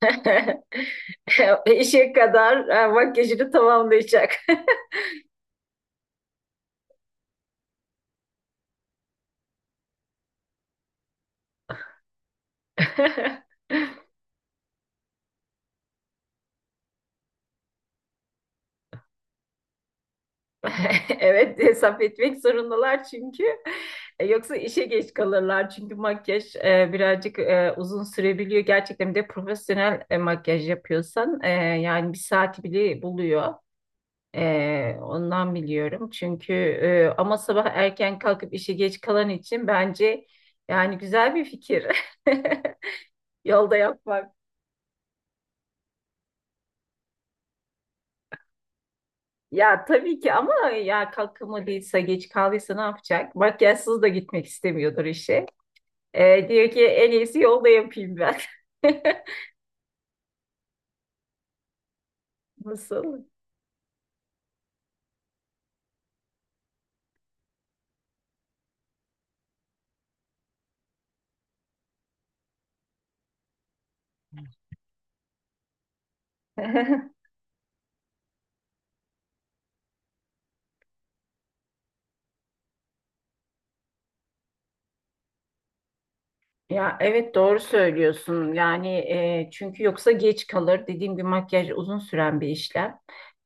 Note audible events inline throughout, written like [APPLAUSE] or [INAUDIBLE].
[LAUGHS] İşe kadar makyajını tamamlayacak. [LAUGHS] [LAUGHS] Evet, hesap etmek zorundalar çünkü. Yoksa işe geç kalırlar. Çünkü makyaj birazcık uzun sürebiliyor. Gerçekten bir de profesyonel makyaj yapıyorsan yani bir saati bile buluyor. Ondan biliyorum. Çünkü ama sabah erken kalkıp işe geç kalan için bence yani güzel bir fikir. [LAUGHS] Yolda yapmak. Ya tabii ki ama ya kalkamadıysa geç kaldıysa ne yapacak? Makyajsız da gitmek istemiyordur işe. Diyor ki en iyisi yolda yapayım ben. [LAUGHS] Nasıl? [LAUGHS] Ya evet doğru söylüyorsun. Yani çünkü yoksa geç kalır. Dediğim gibi makyaj uzun süren bir işlem.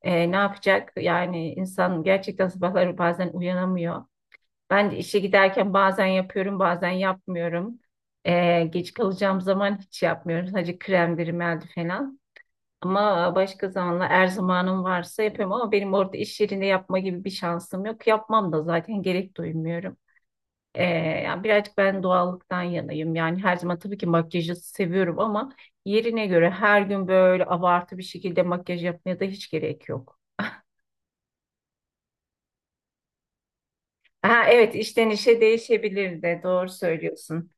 Ne yapacak? Yani insan gerçekten sabahları bazen uyanamıyor. Ben de işe giderken bazen yapıyorum, bazen yapmıyorum. Geç kalacağım zaman hiç yapmıyorum. Sadece kremdir, rimel falan. Ama başka zamanla eğer zamanım varsa yapıyorum ama benim orada iş yerinde yapma gibi bir şansım yok. Yapmam da zaten gerek duymuyorum. Ee, Yani birazcık ben doğallıktan yanayım. Yani her zaman tabii ki makyajı seviyorum ama yerine göre her gün böyle abartı bir şekilde makyaj yapmaya da hiç gerek yok. Ha, evet, işten işe değişebilir de, doğru söylüyorsun.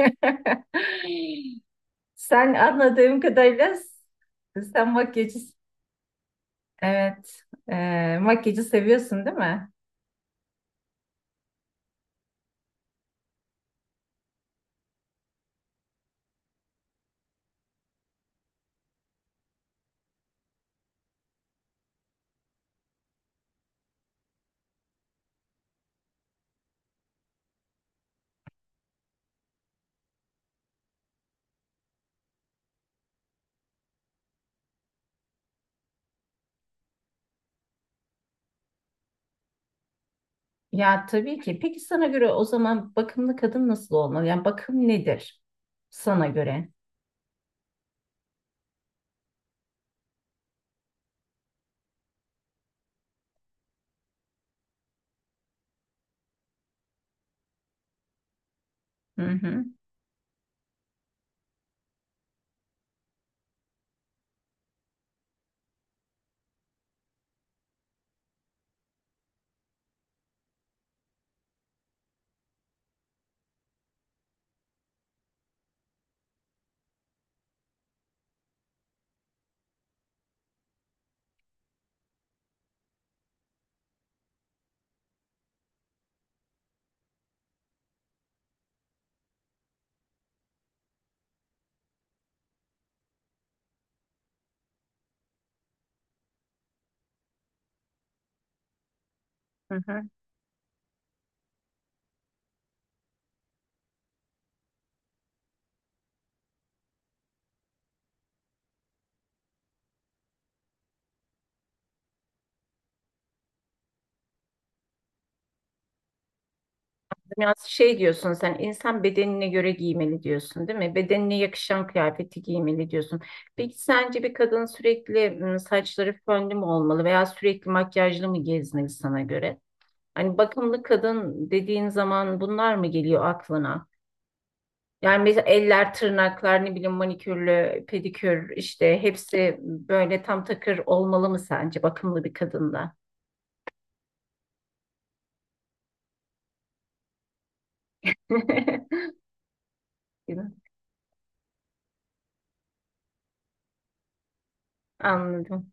[LAUGHS] Sen anladığım kadarıyla sen makyajı, evet, makyajı seviyorsun değil mi? Ya tabii ki. Peki sana göre o zaman bakımlı kadın nasıl olmalı? Yani bakım nedir sana göre? Hı hı. Hı hı. Yani şey diyorsun, sen insan bedenine göre giymeli diyorsun değil mi? Bedenine yakışan kıyafeti giymeli diyorsun. Peki sence bir kadın sürekli saçları fönlü mü olmalı veya sürekli makyajlı mı gezmeli sana göre? Hani bakımlı kadın dediğin zaman bunlar mı geliyor aklına? Yani mesela eller, tırnaklar, ne bileyim manikürlü, pedikür işte hepsi böyle tam takır olmalı mı sence bakımlı bir kadında? [LAUGHS] Anladım.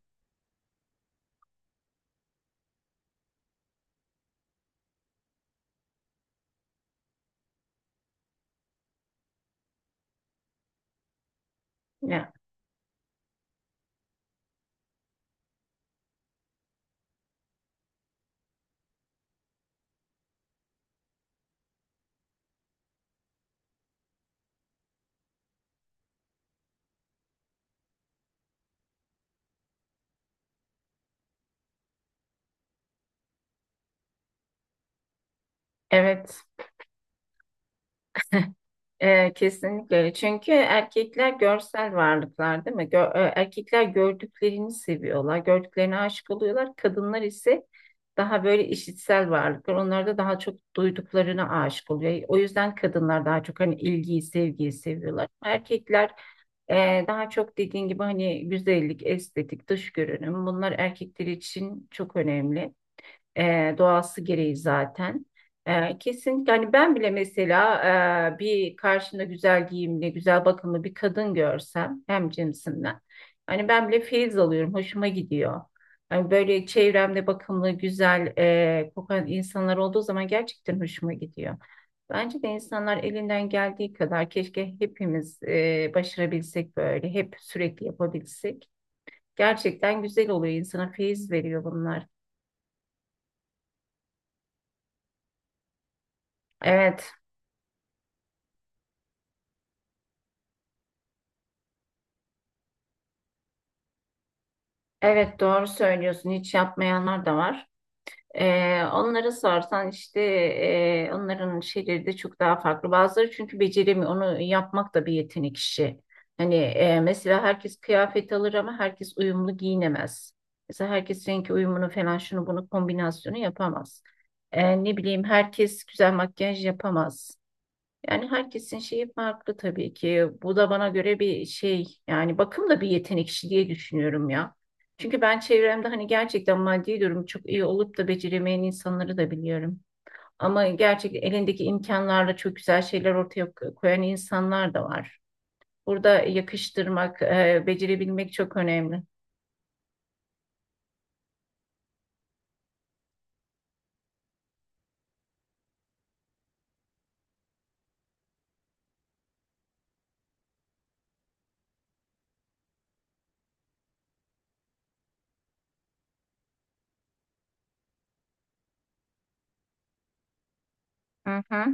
Ya, evet. Kesinlikle. Çünkü erkekler görsel varlıklar değil mi? Erkekler gördüklerini seviyorlar. Gördüklerine aşık oluyorlar. Kadınlar ise daha böyle işitsel varlıklar. Onlar da daha çok duyduklarına aşık oluyor. O yüzden kadınlar daha çok hani ilgiyi, sevgiyi seviyorlar. Erkekler daha çok dediğin gibi hani güzellik, estetik, dış görünüm bunlar erkekler için çok önemli, doğası gereği zaten. Kesinlikle hani ben bile mesela bir karşında güzel giyimli, güzel bakımlı bir kadın görsem hem cinsimden. Hani ben bile feyiz alıyorum, hoşuma gidiyor. Hani böyle çevremde bakımlı, güzel kokan insanlar olduğu zaman gerçekten hoşuma gidiyor. Bence de insanlar elinden geldiği kadar, keşke hepimiz başarabilsek böyle, hep sürekli yapabilsek. Gerçekten güzel oluyor, insana feyiz veriyor bunlar. Evet. Evet, doğru söylüyorsun. Hiç yapmayanlar da var. Onlara sorsan işte onların şeyleri de çok daha farklı. Bazıları çünkü beceremiyor. Onu yapmak da bir yetenek işi. Hani mesela herkes kıyafet alır ama herkes uyumlu giyinemez. Mesela herkes renk uyumunu falan şunu bunu kombinasyonu yapamaz. Ne bileyim herkes güzel makyaj yapamaz. Yani herkesin şeyi farklı tabii ki. Bu da bana göre bir şey. Yani bakım da bir yetenek işi diye düşünüyorum ya. Çünkü ben çevremde hani gerçekten maddi durum çok iyi olup da beceremeyen insanları da biliyorum. Ama gerçekten elindeki imkanlarla çok güzel şeyler ortaya koyan insanlar da var. Burada yakıştırmak, becerebilmek çok önemli. Hı hı.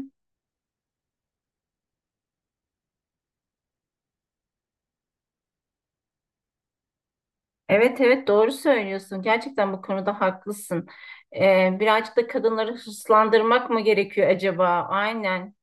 Evet, evet, doğru söylüyorsun. Gerçekten bu konuda haklısın. Birazcık da kadınları hırslandırmak mı gerekiyor acaba? Aynen.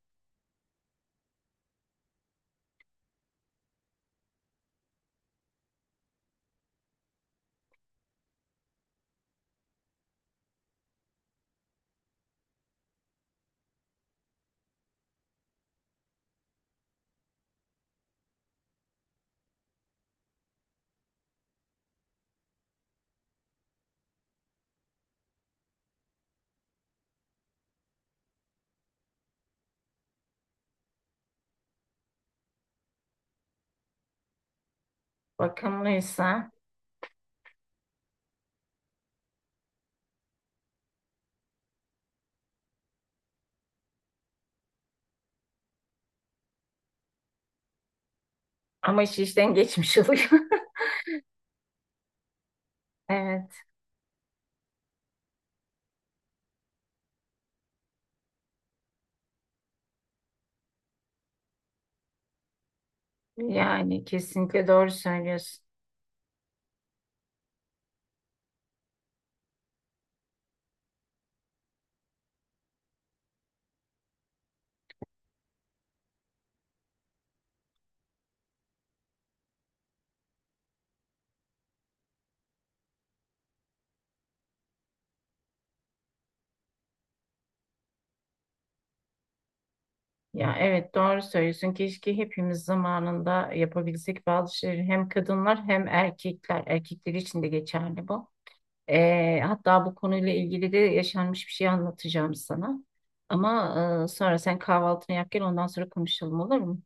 Bakımlıysa ama iş işten geçmiş oluyor. [LAUGHS] Evet, yani kesinlikle doğru söylüyorsun. Ya evet doğru söylüyorsun. Keşke hepimiz zamanında yapabilsek bazı şeyleri, hem kadınlar hem erkekler. Erkekler için de geçerli bu. Hatta bu konuyla ilgili de yaşanmış bir şey anlatacağım sana. Ama sonra sen kahvaltını yap gel, ondan sonra konuşalım olur mu?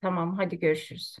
Tamam, hadi görüşürüz.